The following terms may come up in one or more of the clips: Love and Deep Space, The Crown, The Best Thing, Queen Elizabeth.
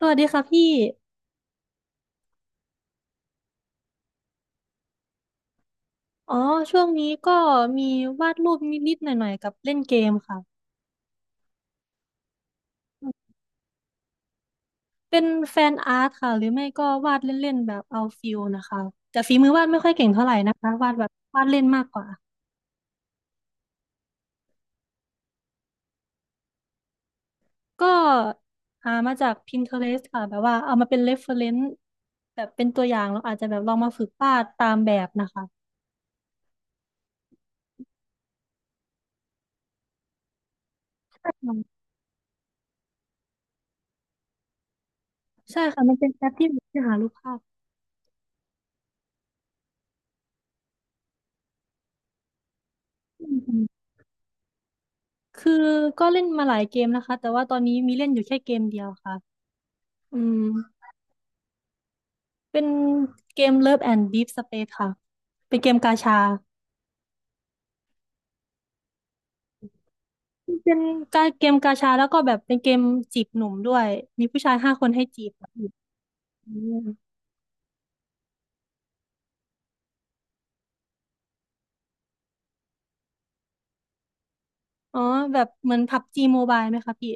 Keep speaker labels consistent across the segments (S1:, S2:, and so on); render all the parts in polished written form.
S1: สวัสดีค่ะพี่ อ๋อช่วงนี้ก็มีวาดรูปนิดๆหน่อยๆกับเล่นเกมค่ะ เป็นแฟนอาร์ตค่ะหรือไม่ก็วาดเล่นๆแบบเอาฟิลนะคะแต่ฝีมือวาดไม่ค่อยเก่งเท่าไหร่นะคะวาดแบบวาดเล่นมากกว่า ก็หามาจาก Pinterest ค่ะแบบว่าเอามาเป็น reference แบบเป็นตัวอย่างแล้วอาจจะแบบลองมาฝึกวาดตามแบบนะคะอืมใช่ค่ะ มันเป็นแอปที่หารูปภาพอืมคือก็เล่นมาหลายเกมนะคะแต่ว่าตอนนี้มีเล่นอยู่แค่เกมเดียวค่ะอืม เป็นเกม Love and Deep Space ค่ะ เป็นเกมกาชา เป็นเกมกาชาแล้วก็แบบเป็นเกมจีบหนุ่มด้วย มีผู้ชาย5 คนให้จีบอืมอ๋อแบบเหมือนพับจีโมบายไหมคะพี่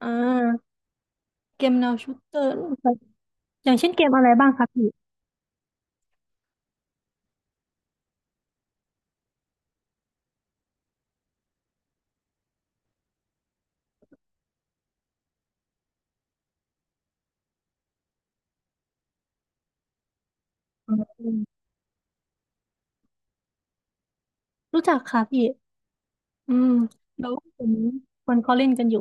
S1: อ่าเกมแนวชูตเตอร์ อย่างเช่นเกมอะไรบ้างคะพี่อืมรู้จักค่ะพี่อืมแล้วคนเขาเล่นกันอยู่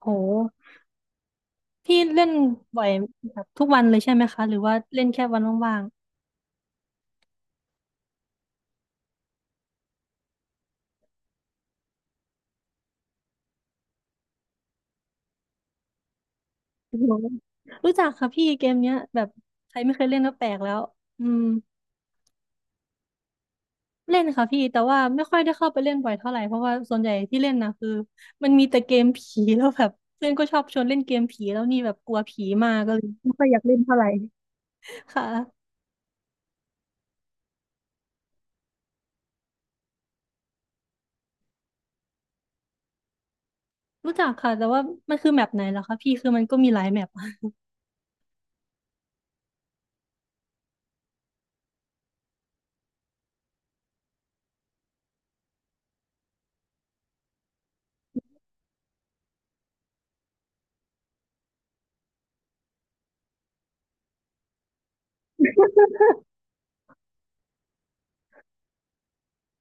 S1: โห พี่เล่นบ่อยแบบทุกวันเลยใช่ไหมคะ หรือว่าเล่นแค่วันว่าง โอ้โหรู้จักค่ะพี่เกมเนี้ยแบบใครไม่เคยเล่นก็แปลกแล้วอืมเล่นค่ะพี่แต่ว่าไม่ค่อยได้เข้าไปเล่นบ่อยเท่าไหร่เพราะว่าส่วนใหญ่ที่เล่นนะคือมันมีแต่เกมผีแล้วแบบเพื่อนก็ชอบชวนเล่นเกมผีแล้วนี่แบบกลัวผีมากก็เลยไม่ค่อยอยากเล่นเท่าไหร่ค่ะรู้จักค่ะแต่ว่ามันคือแมปไหนเหรอคะพี่คือมันก็มีหลายแมปอะ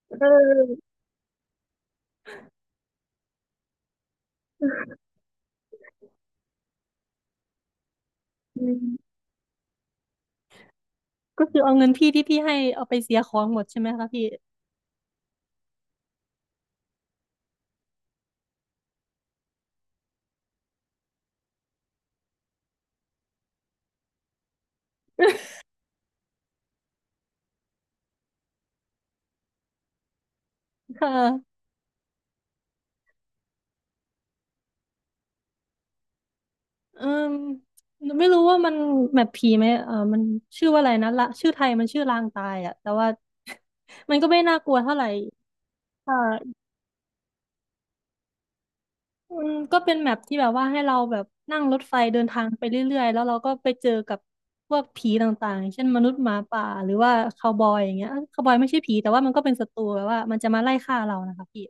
S1: เอออืมก็คือเอาเงินพี่ที่พี่ให้เอาไปเสียของหมดใช่ไหมคะพี่ ค่ะ เอมไม่รู้ว่ามันแมปผีไหมเออมันชื่อว่าอะไรนะละชื่อไทยมันชื่อลางตายอะแต่ว่า มันก็ไม่น่ากลัวเท่าไหร่ค่ะมันก็เป็นแมปที่แบบว่าให้เราแบบนั่งรถไฟเดินทางไปเรื่อยๆแล้วเราก็ไปเจอกับพวกผีต่างๆเช่นมนุษย์หมาป่าหรือว่าคาวบอยอย่างเงี้ยคาวบอยไม่ใช่ผีแต่ว่ามันก็เป็นศัตรูแบบว่ามันจะมาไล่ฆ่าเรานะคะพี่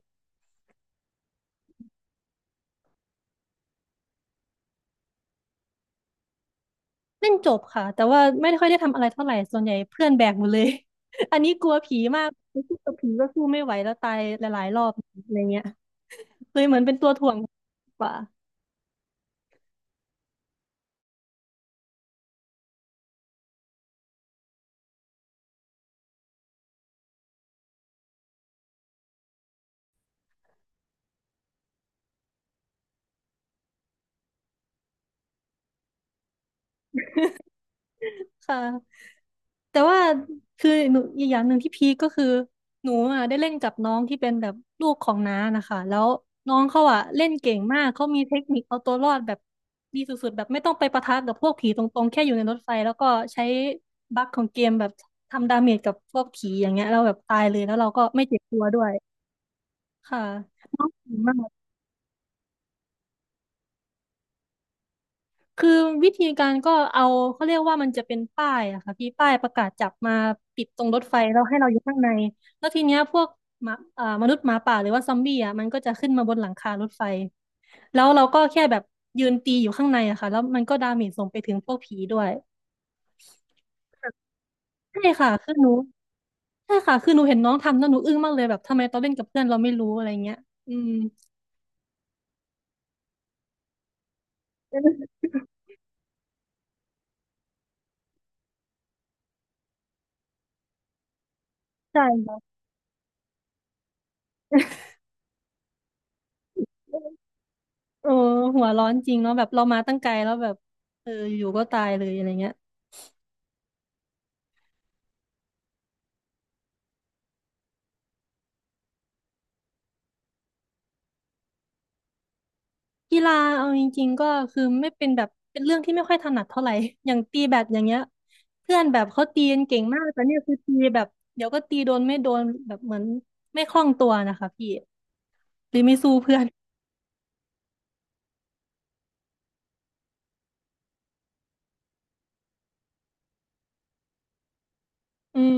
S1: เล่นจบค่ะแต่ว่าไม่ค่อยได้ทำอะไรเท่าไหร่ส่วนใหญ่เพื่อนแบกหมดเลย อันนี้กลัวผีมากไปสู้กับผีก็สู้ไม่ไหวแล้วตายหลายๆรอบอะไรเงี้ยเลยเหมือนเป็นตัวถ่วงกว่าค่ะ แต่ว่าคือหนูอีกอย่างหนึ่งที่พีคก็คือหนูอ่ะได้เล่นกับน้องที่เป็นแบบลูกของน้านะคะแล้วน้องเขาอ่ะเล่นเก่งมากเขามีเทคนิคเอาตัวรอดแบบดีสุดๆแบบไม่ต้องไปปะทะกับพวกผีตรงๆแค่อยู่ในรถไฟแล้วก็ใช้บั๊กของเกมแบบทำดาเมจกับพวกผีอย่างเงี้ยเราแล้วแบบตายเลยแล้วเราก็ไม่เจ็บตัวด้วยค่ะดีมาก คือวิธีการก็เอาเขาเรียกว่ามันจะเป็นป้ายอะค่ะพี่ป้ายประกาศจับมาปิดตรงรถไฟแล้วให้เราอยู่ข้างในแล้วทีเนี้ยพวกหมาอ่อมนุษย์หมาป่าหรือว่าซอมบี้อะมันก็จะขึ้นมาบนหลังคารถไฟแล้วเราก็แค่แบบยืนตีอยู่ข้างในอะค่ะแล้วมันก็ดาเมจส่งไปถึงพวกผีด้วยใช่ค่ะคือหนูใช่ค่ะคือหนูเห็นน้องทำแล้วหนูอึ้งมากเลยแบบทำไมตอนเล่นกับเพื่อนเราไม่รู้อะไรเงี้ยอืม ใช่ค่ะ โอ้หัวร้อนจริงเนาะแบบเรามาตั้งไกลแล้วแบบเอออยู่ก็ตายเลยอะไรเงี้ย กีฬาเอาจริงๆก็คือไม่เป็นแบบเป็นเรื่องที่ไม่ค่อยถนัดเท่าไหร่ อย่างตีแบดอย่างเงี้ยเพื่อนแบบเขาตีกันเก่งมากแต่เนี่ยคือตีแบบเดี๋ยวก็ตีโดนไม่โดนแบบเหมือนไม่คล่องตัวนะคะพี่หรือไม่สู้เพื่อน อืม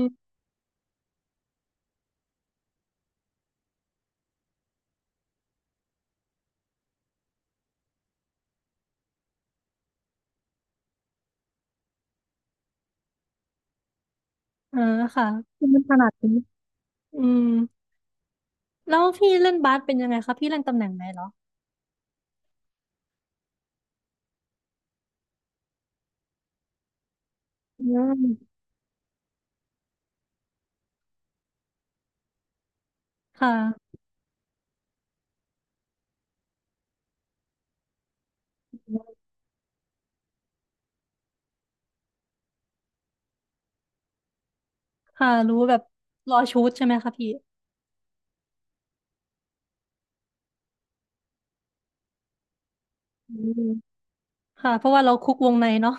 S1: อ่าค่ะคือมันถนัดนี้อืมแล้วพี่เล่นบาสเป็นยังไงคะพี่เล่นตำแหน่งไหนเหรออืมค่ะค่ะรู้แบบรอชูตใช่ไหมคะพี่อืมค่ะเพราะว่าเราคุกวงในเนาะ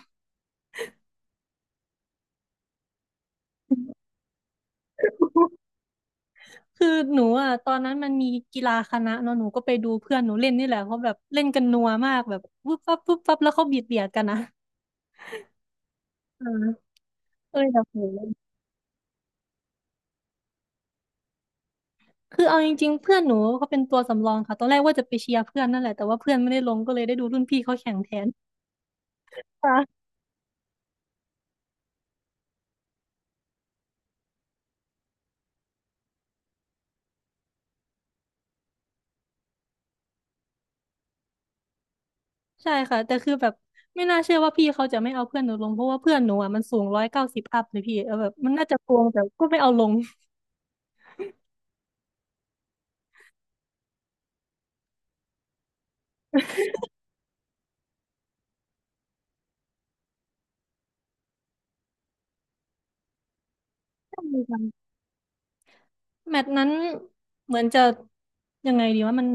S1: คือหนูอ่ะตอนนั้นมันมีกีฬาคณะเนาะหนูก็ไปดูเพื่อนหนูเล่นนี่แหละเขาแบบเล่นกันนัวมากแบบปุ๊บปั๊บปุ๊บปั๊บแล้วเขาเบียดเบียดกันนะอ่าเอ้ยแบบโหคือเอาจริงๆเพื่อนหนูเขาเป็นตัวสำรองค่ะตอนแรกว่าจะไปเชียร์เพื่อนนั่นแหละแต่ว่าเพื่อนไม่ได้ลงก็เลยได้ดูรุ่นพี่เขาแข่งแทนค่ะใช่ค่ะแต่คือแบบไม่น่าเชื่อว่าพี่เขาจะไม่เอาเพื่อนหนูลงเพราะว่าเพื่อนหนูอ่ะมันสูง190อัพเลยพี่เออแบบมันน่าจะโกงแต่ก็ไม่เอาลงใช่ค่ะแมตช์นั้นเหมือนจะยังไงดีว่ามัน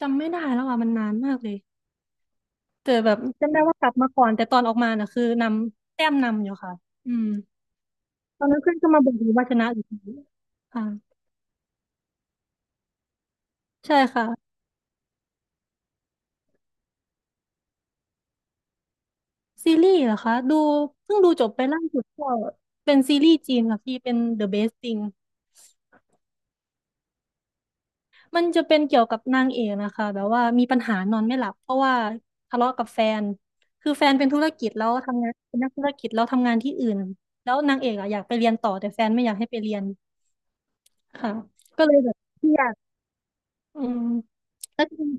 S1: จำไม่ได้แล้วอ่ะมันนานมากเลยแต่แบบจำได้ว่ากลับมาก่อนแต่ตอนออกมาน่ะคือนำแต้มอยู่ค่ะอืมตอนนั้นเพื่อนก็มาบอกอยู่ว่าชนะอยู่ดีค่ะใช่ค่ะซีรีส์เหรอคะดูเพิ่งดูจบไปล่าสุดก็เป็นซีรีส์จีนค่ะพี่เป็น The Best Thing มันจะเป็นเกี่ยวกับนางเอกนะคะแบบว่ามีปัญหานอนไม่หลับเพราะว่าทะเลาะกับแฟนคือแฟนเป็นธุรกิจแล้วทำงานเป็นนักธุรกิจแล้วทำงานที่อื่นแล้วนางเอกอะอยากไปเรียนต่อแต่แฟนไม่อยากให้ไปเรียนค่ะก็เลยแบบเครียด อืมแล้วจริง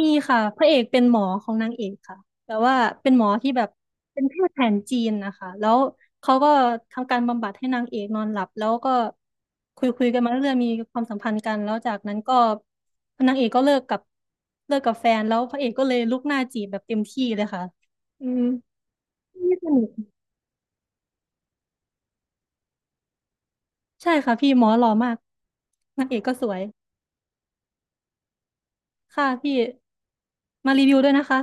S1: มีค่ะพระเอกเป็นหมอของนางเอกค่ะแต่ว่าเป็นหมอที่แบบเป็นแพทย์แผนจีนนะคะแล้วเขาก็ทำการบำบัดให้นางเอกนอนหลับแล้วก็คุยคุยกันมาเรื่อยๆมีความสัมพันธ์กันแล้วจากนั้นก็นางเอกก็เลิกกับแฟนแล้วพระเอกก็เลยลุกหน้าจีบแบบเต็มที่เลยค่ะอืมนี่สนุกใช่ค่ะพี่หมอหล่อมากนางเอกก็สวยค่ะพี่มารีวิวด้วยนะคะ